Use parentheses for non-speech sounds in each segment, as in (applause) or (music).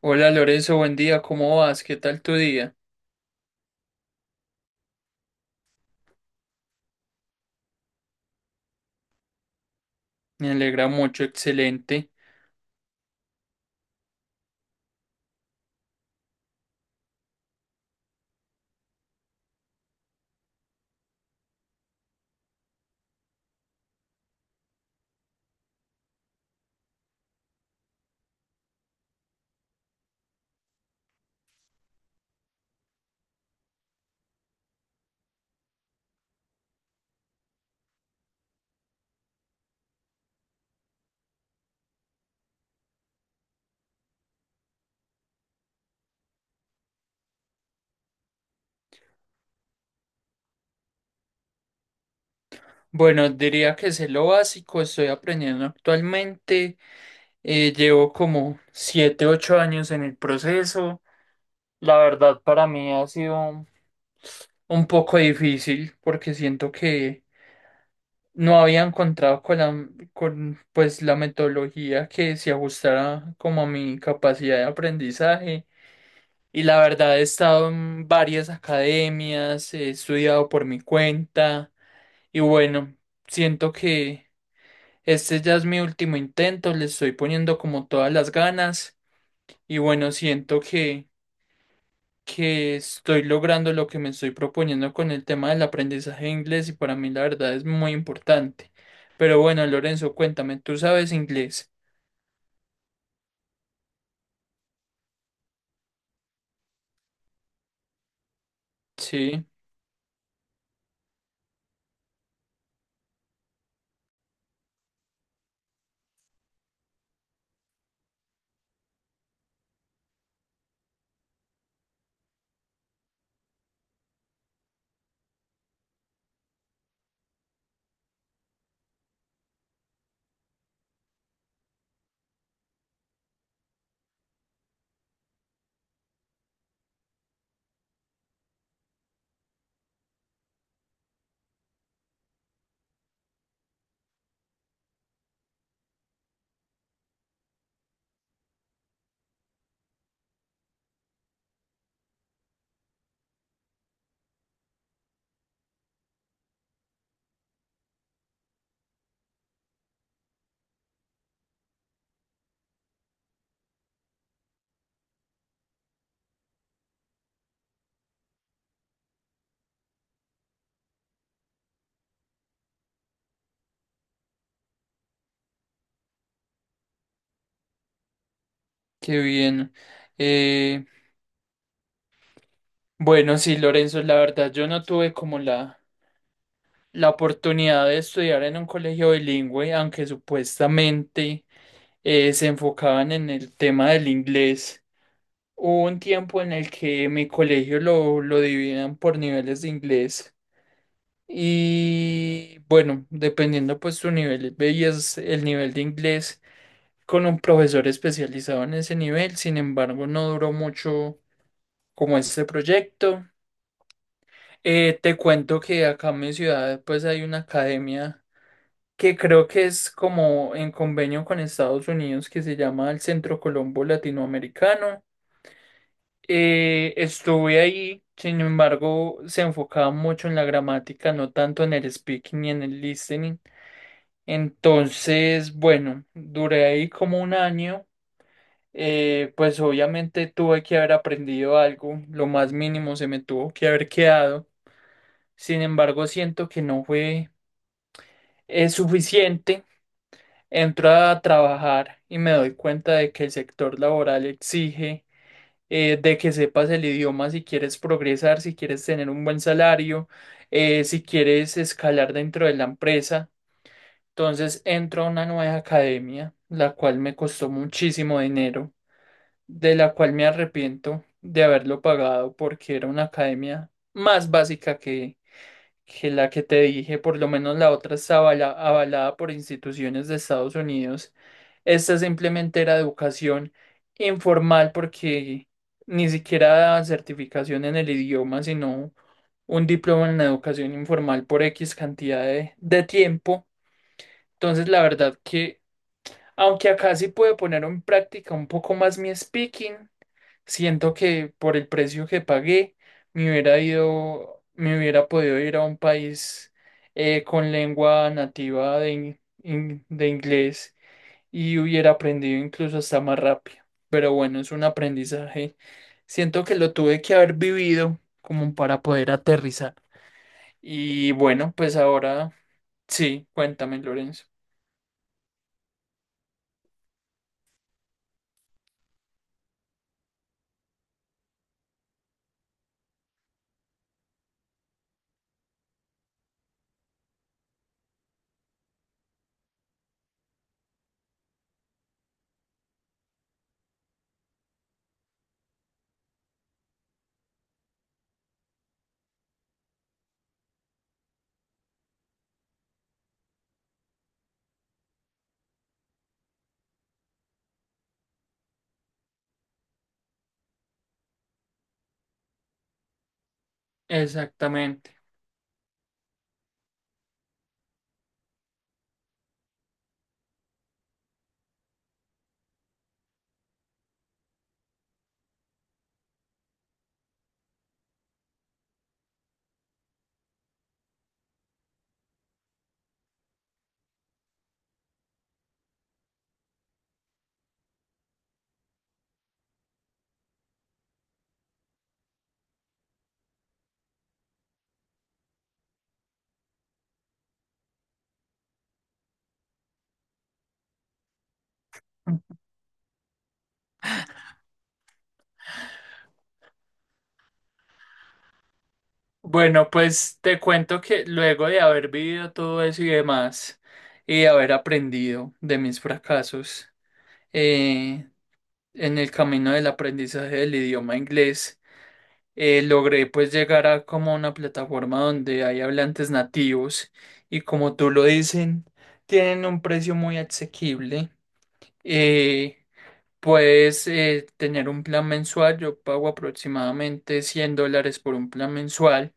Hola Lorenzo, buen día, ¿cómo vas? ¿Qué tal tu día? Me alegra mucho, excelente. Bueno, diría que sé lo básico, estoy aprendiendo actualmente. Llevo como 7, 8 años en el proceso. La verdad, para mí ha sido un poco difícil porque siento que no había encontrado con pues, la metodología que se ajustara como a mi capacidad de aprendizaje. Y la verdad he estado en varias academias, he estudiado por mi cuenta y bueno, siento que este ya es mi último intento, le estoy poniendo como todas las ganas y bueno, siento que estoy logrando lo que me estoy proponiendo con el tema del aprendizaje de inglés y para mí la verdad es muy importante. Pero bueno, Lorenzo, cuéntame, ¿tú sabes inglés? Sí, qué bien. Eh, bueno, sí, Lorenzo, la verdad yo no tuve como la oportunidad de estudiar en un colegio bilingüe, aunque supuestamente se enfocaban en el tema del inglés. Hubo un tiempo en el que mi colegio lo dividían por niveles de inglés. Y bueno, dependiendo pues tu nivel, veías el nivel de inglés con un profesor especializado en ese nivel, sin embargo no duró mucho como este proyecto. Te cuento que acá en mi ciudad pues hay una academia que creo que es como en convenio con Estados Unidos, que se llama el Centro Colombo Latinoamericano. Estuve ahí, sin embargo se enfocaba mucho en la gramática, no tanto en el speaking ni en el listening. Entonces, bueno, duré ahí como un año. Pues obviamente tuve que haber aprendido algo, lo más mínimo se me tuvo que haber quedado. Sin embargo, siento que no fue suficiente. Entro a trabajar y me doy cuenta de que el sector laboral exige de que sepas el idioma si quieres progresar, si quieres tener un buen salario, si quieres escalar dentro de la empresa. Entonces entro a una nueva academia, la cual me costó muchísimo dinero, de la cual me arrepiento de haberlo pagado porque era una academia más básica que la que te dije. Por lo menos la otra estaba avalada por instituciones de Estados Unidos. Esta simplemente era educación informal porque ni siquiera daban certificación en el idioma, sino un diploma en educación informal por X cantidad de tiempo. Entonces, la verdad que, aunque acá sí pude poner en práctica un poco más mi speaking, siento que por el precio que pagué, me hubiera ido, me hubiera podido ir a un país con lengua nativa de inglés y hubiera aprendido incluso hasta más rápido. Pero bueno, es un aprendizaje. Siento que lo tuve que haber vivido como para poder aterrizar. Y bueno, pues ahora sí, cuéntame, Lorenzo. Exactamente. Bueno, pues te cuento que luego de haber vivido todo eso y demás, y de haber aprendido de mis fracasos eh, en el camino del aprendizaje del idioma inglés, logré pues llegar a como una plataforma donde hay hablantes nativos y como tú lo dicen, tienen un precio muy asequible. Eh, Puedes tener un plan mensual, yo pago aproximadamente 100 dólares por un plan mensual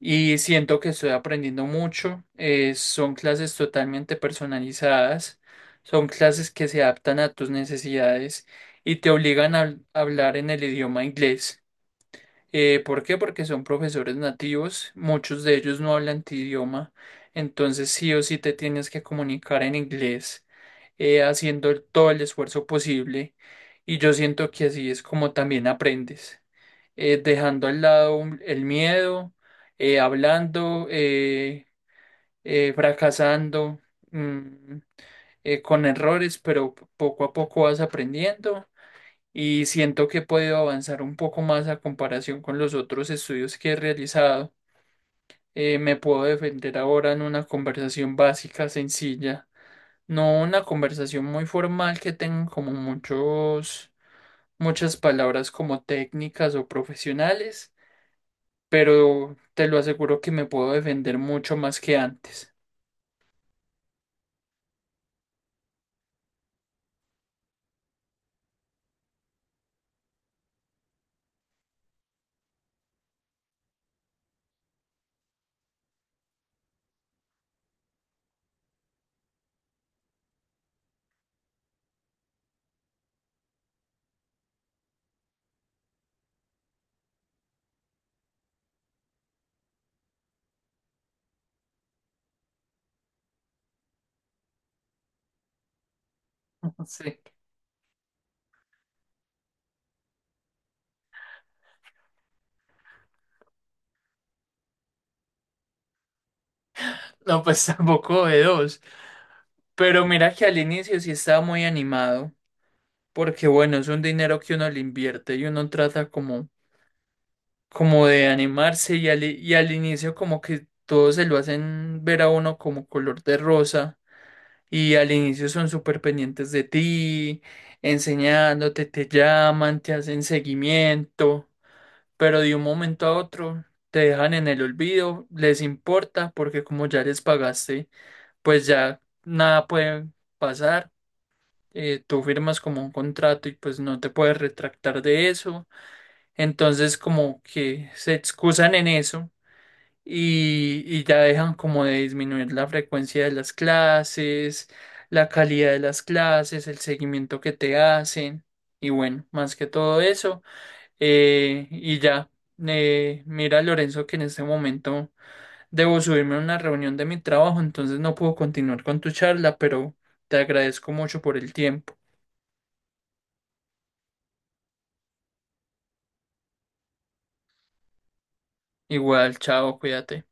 y siento que estoy aprendiendo mucho. Son clases totalmente personalizadas, son clases que se adaptan a tus necesidades y te obligan a hablar en el idioma inglés. ¿Por qué? Porque son profesores nativos, muchos de ellos no hablan tu idioma, entonces sí o sí te tienes que comunicar en inglés, haciendo todo el esfuerzo posible, y yo siento que así es como también aprendes, dejando al lado el miedo, hablando, fracasando, mm, con errores, pero poco a poco vas aprendiendo y siento que he podido avanzar un poco más a comparación con los otros estudios que he realizado. Me puedo defender ahora en una conversación básica, sencilla, no una conversación muy formal que tenga como muchas palabras como técnicas o profesionales, pero te lo aseguro que me puedo defender mucho más que antes. (laughs) Sí. No, pues (laughs) tampoco de dos. Pero mira que al inicio sí estaba muy animado, porque bueno, es un dinero que uno le invierte y uno trata como de animarse, y y al inicio como que todos se lo hacen ver a uno como color de rosa, y al inicio son súper pendientes de ti, enseñándote, te llaman, te hacen seguimiento. Pero de un momento a otro te dejan en el olvido, les importa porque como ya les pagaste, pues ya nada puede pasar. Tú firmas como un contrato y pues no te puedes retractar de eso. Entonces como que se excusan en eso y ya dejan como de disminuir la frecuencia de las clases, la calidad de las clases, el seguimiento que te hacen y bueno, más que todo eso. Y ya, mira Lorenzo, que en este momento debo subirme a una reunión de mi trabajo, entonces no puedo continuar con tu charla, pero te agradezco mucho por el tiempo. Igual, chao, cuídate.